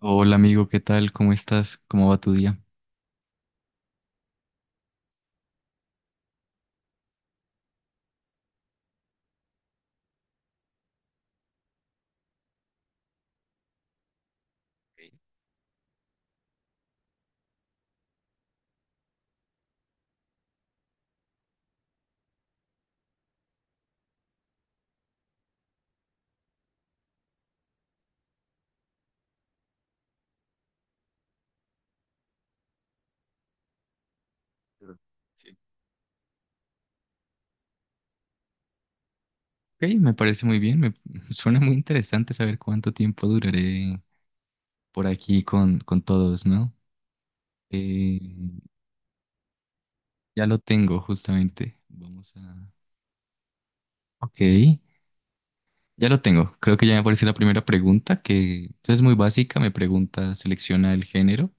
Hola amigo, ¿qué tal? ¿Cómo estás? ¿Cómo va tu día? Pero- sí. Ok, me parece muy bien, me suena muy interesante saber cuánto tiempo duraré por aquí con todos, ¿no? Eh, ya lo tengo justamente, vamos a. Ok, ya lo tengo, creo que ya me aparece la primera pregunta, que pues, es muy básica, me pregunta, selecciona el género,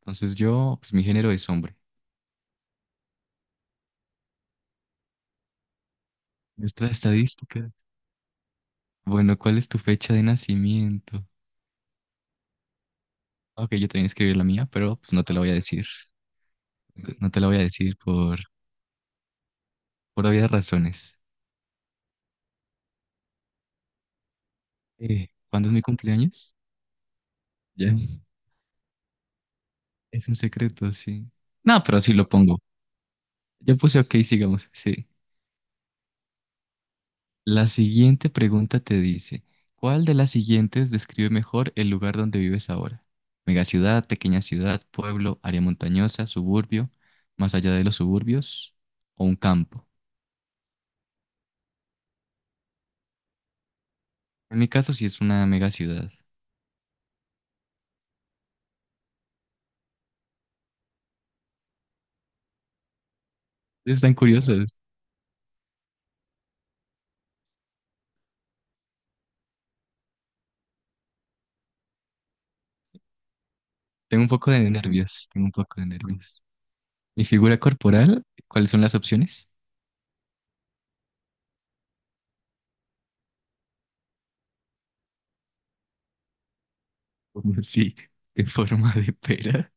entonces yo, pues mi género es hombre. Nuestra estadística. Bueno, ¿cuál es tu fecha de nacimiento? Ok, yo también escribí la mía, pero pues no te la voy a decir. No te lo voy a decir por obvias razones. ¿Cuándo es mi cumpleaños? Ya. Es un secreto, sí. No, pero sí lo pongo. Yo puse ok, sigamos. Sí. La siguiente pregunta te dice, ¿cuál de las siguientes describe mejor el lugar donde vives ahora? Megaciudad, pequeña ciudad, pueblo, área montañosa, suburbio, más allá de los suburbios o un campo. En mi caso sí es una megaciudad. Están curiosas. Tengo un poco de nervios, tengo un poco de nervios. Mi figura corporal, ¿cuáles son las opciones? Como sí, de forma de pera.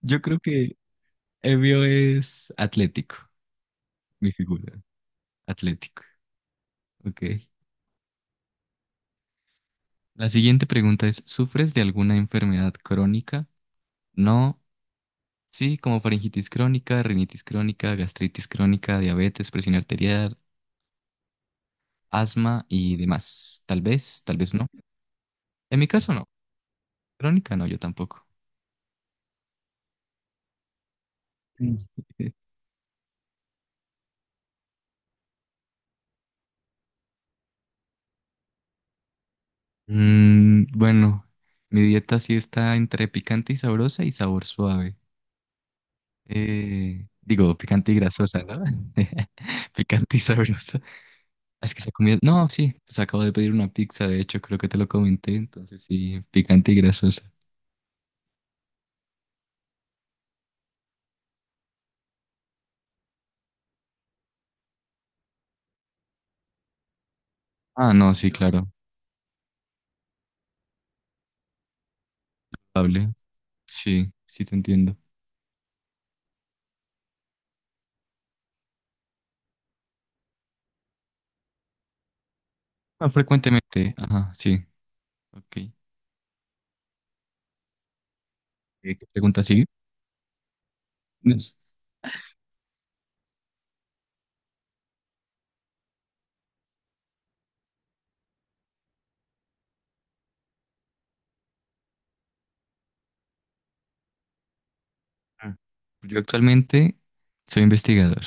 Yo creo que Evio es atlético, mi figura, atlético. Ok. La siguiente pregunta es, ¿sufres de alguna enfermedad crónica? No. Sí, como faringitis crónica, rinitis crónica, gastritis crónica, diabetes, presión arterial, asma y demás. Tal vez no. En mi caso no. Crónica no, yo tampoco. Bueno, mi dieta sí está entre picante y sabrosa y sabor suave. Digo, picante y grasosa, ¿no? Picante y sabrosa. Ah, es que se ha comido. No, sí, pues acabo de pedir una pizza, de hecho, creo que te lo comenté, entonces sí, picante y grasosa. Ah, no, sí, claro, hable. Sí, sí te entiendo. Ah, frecuentemente, ajá, sí, ok. ¿Qué pregunta sigue? Yes. Ah. Yo actualmente soy investigador.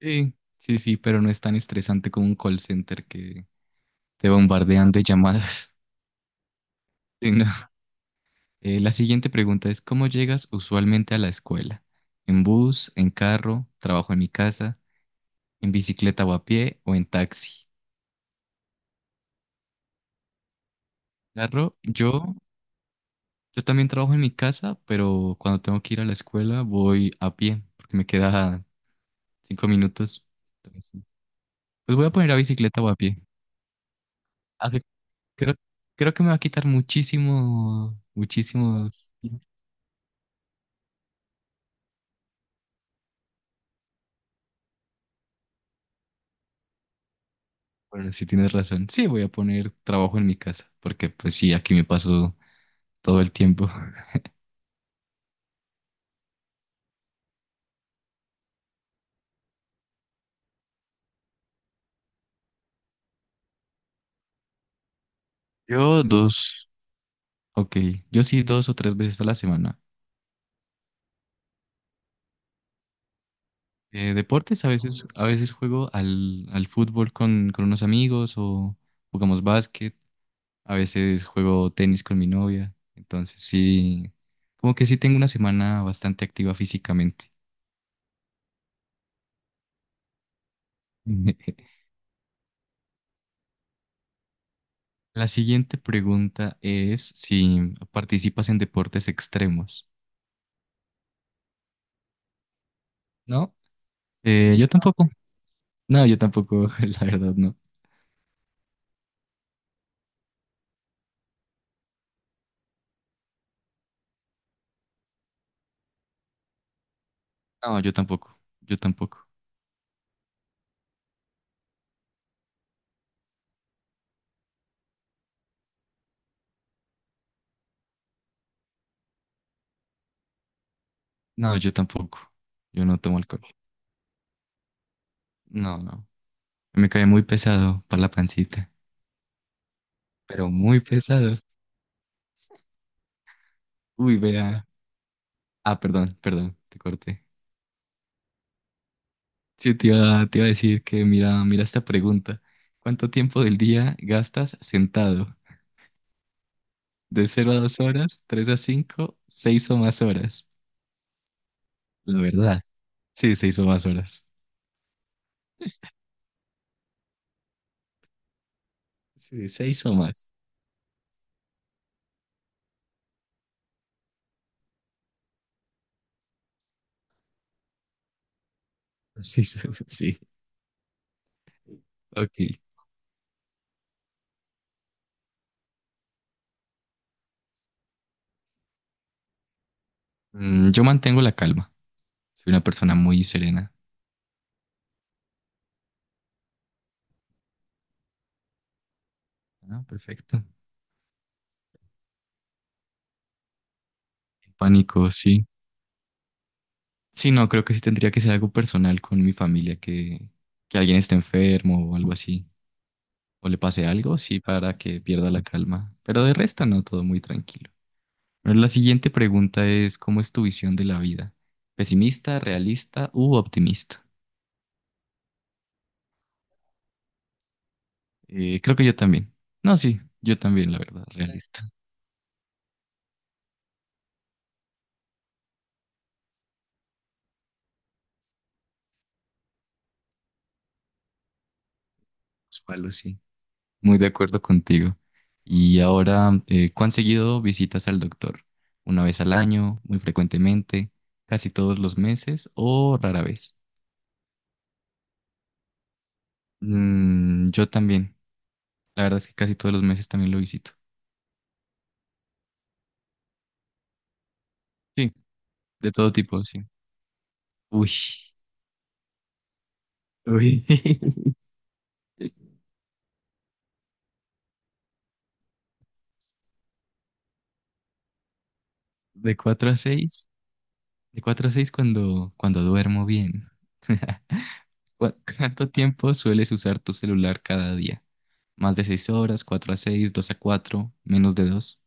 Sí, sí, sí, pero no es tan estresante como un call center que te bombardean de llamadas. Sí, no. La siguiente pregunta es, ¿cómo llegas usualmente a la escuela? ¿En bus, en carro, trabajo en mi casa, en bicicleta o a pie o en taxi? Carro, yo también trabajo en mi casa, pero cuando tengo que ir a la escuela voy a pie, porque me queda 5 minutos. Entonces, pues voy a poner a bicicleta o a pie. Aunque Creo, creo que me va a quitar muchísimo, muchísimos, muchísimos. Bueno, sí tienes razón. Sí, voy a poner trabajo en mi casa, porque pues sí, aquí me paso todo el tiempo. Yo dos, ok, yo sí 2 o 3 veces a la semana. Deportes, a veces juego al fútbol con unos amigos o jugamos básquet, a veces juego tenis con mi novia. Entonces sí, como que sí tengo una semana bastante activa físicamente. La siguiente pregunta es si participas en deportes extremos, ¿no? Yo tampoco, no, yo tampoco, la verdad, no. No, yo tampoco, yo tampoco. No, yo tampoco. Yo no tomo alcohol. No, no. Me cae muy pesado para la pancita, pero muy pesado. Uy, vea. Ah, perdón, perdón, te corté. Sí, te iba a decir que mira, mira esta pregunta. ¿Cuánto tiempo del día gastas sentado? ¿De 0 a 2 horas, 3 a 5, 6 o más horas? La verdad. Sí, 6 o más horas. Sí, 6 o más. Sí, sí. Ok. Yo mantengo la calma. Soy una persona muy serena. Ah, perfecto. El pánico, sí. Sí, no, creo que sí tendría que ser algo personal con mi familia, que alguien esté enfermo o algo así, o le pase algo, sí, para que pierda la calma. Pero de resto, no, todo muy tranquilo. Bueno, la siguiente pregunta es, ¿cómo es tu visión de la vida? ¿Pesimista, realista u optimista? Creo que yo también. No, sí, yo también, la verdad, realista. Los palos, sí. Muy de acuerdo contigo. Y ahora, ¿cuán seguido visitas al doctor? ¿Una vez al año, muy frecuentemente, casi todos los meses o rara vez? Yo también. La verdad es que casi todos los meses también lo visito. Sí, de todo tipo, sí. Uy, uy. De 4 a 6 de cuatro a 6 cuando duermo bien. ¿Cu- ¿Cuánto tiempo sueles usar tu celular cada día? ¿Más de 6 horas, 4 a 6, 2 a 4, menos de 2?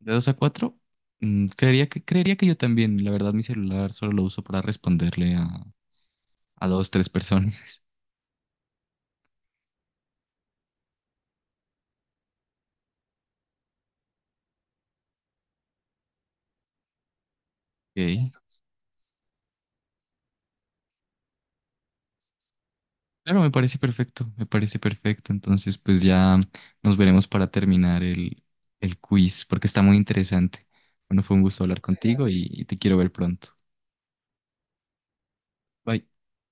De 2 a 4, creería que yo también. La verdad, mi celular solo lo uso para responderle a dos, tres personas. Ok. Claro, me parece perfecto, me parece perfecto. Entonces, pues ya nos veremos para terminar el quiz, porque está muy interesante. Bueno, fue un gusto hablar, sí, contigo y te quiero ver pronto. Bye.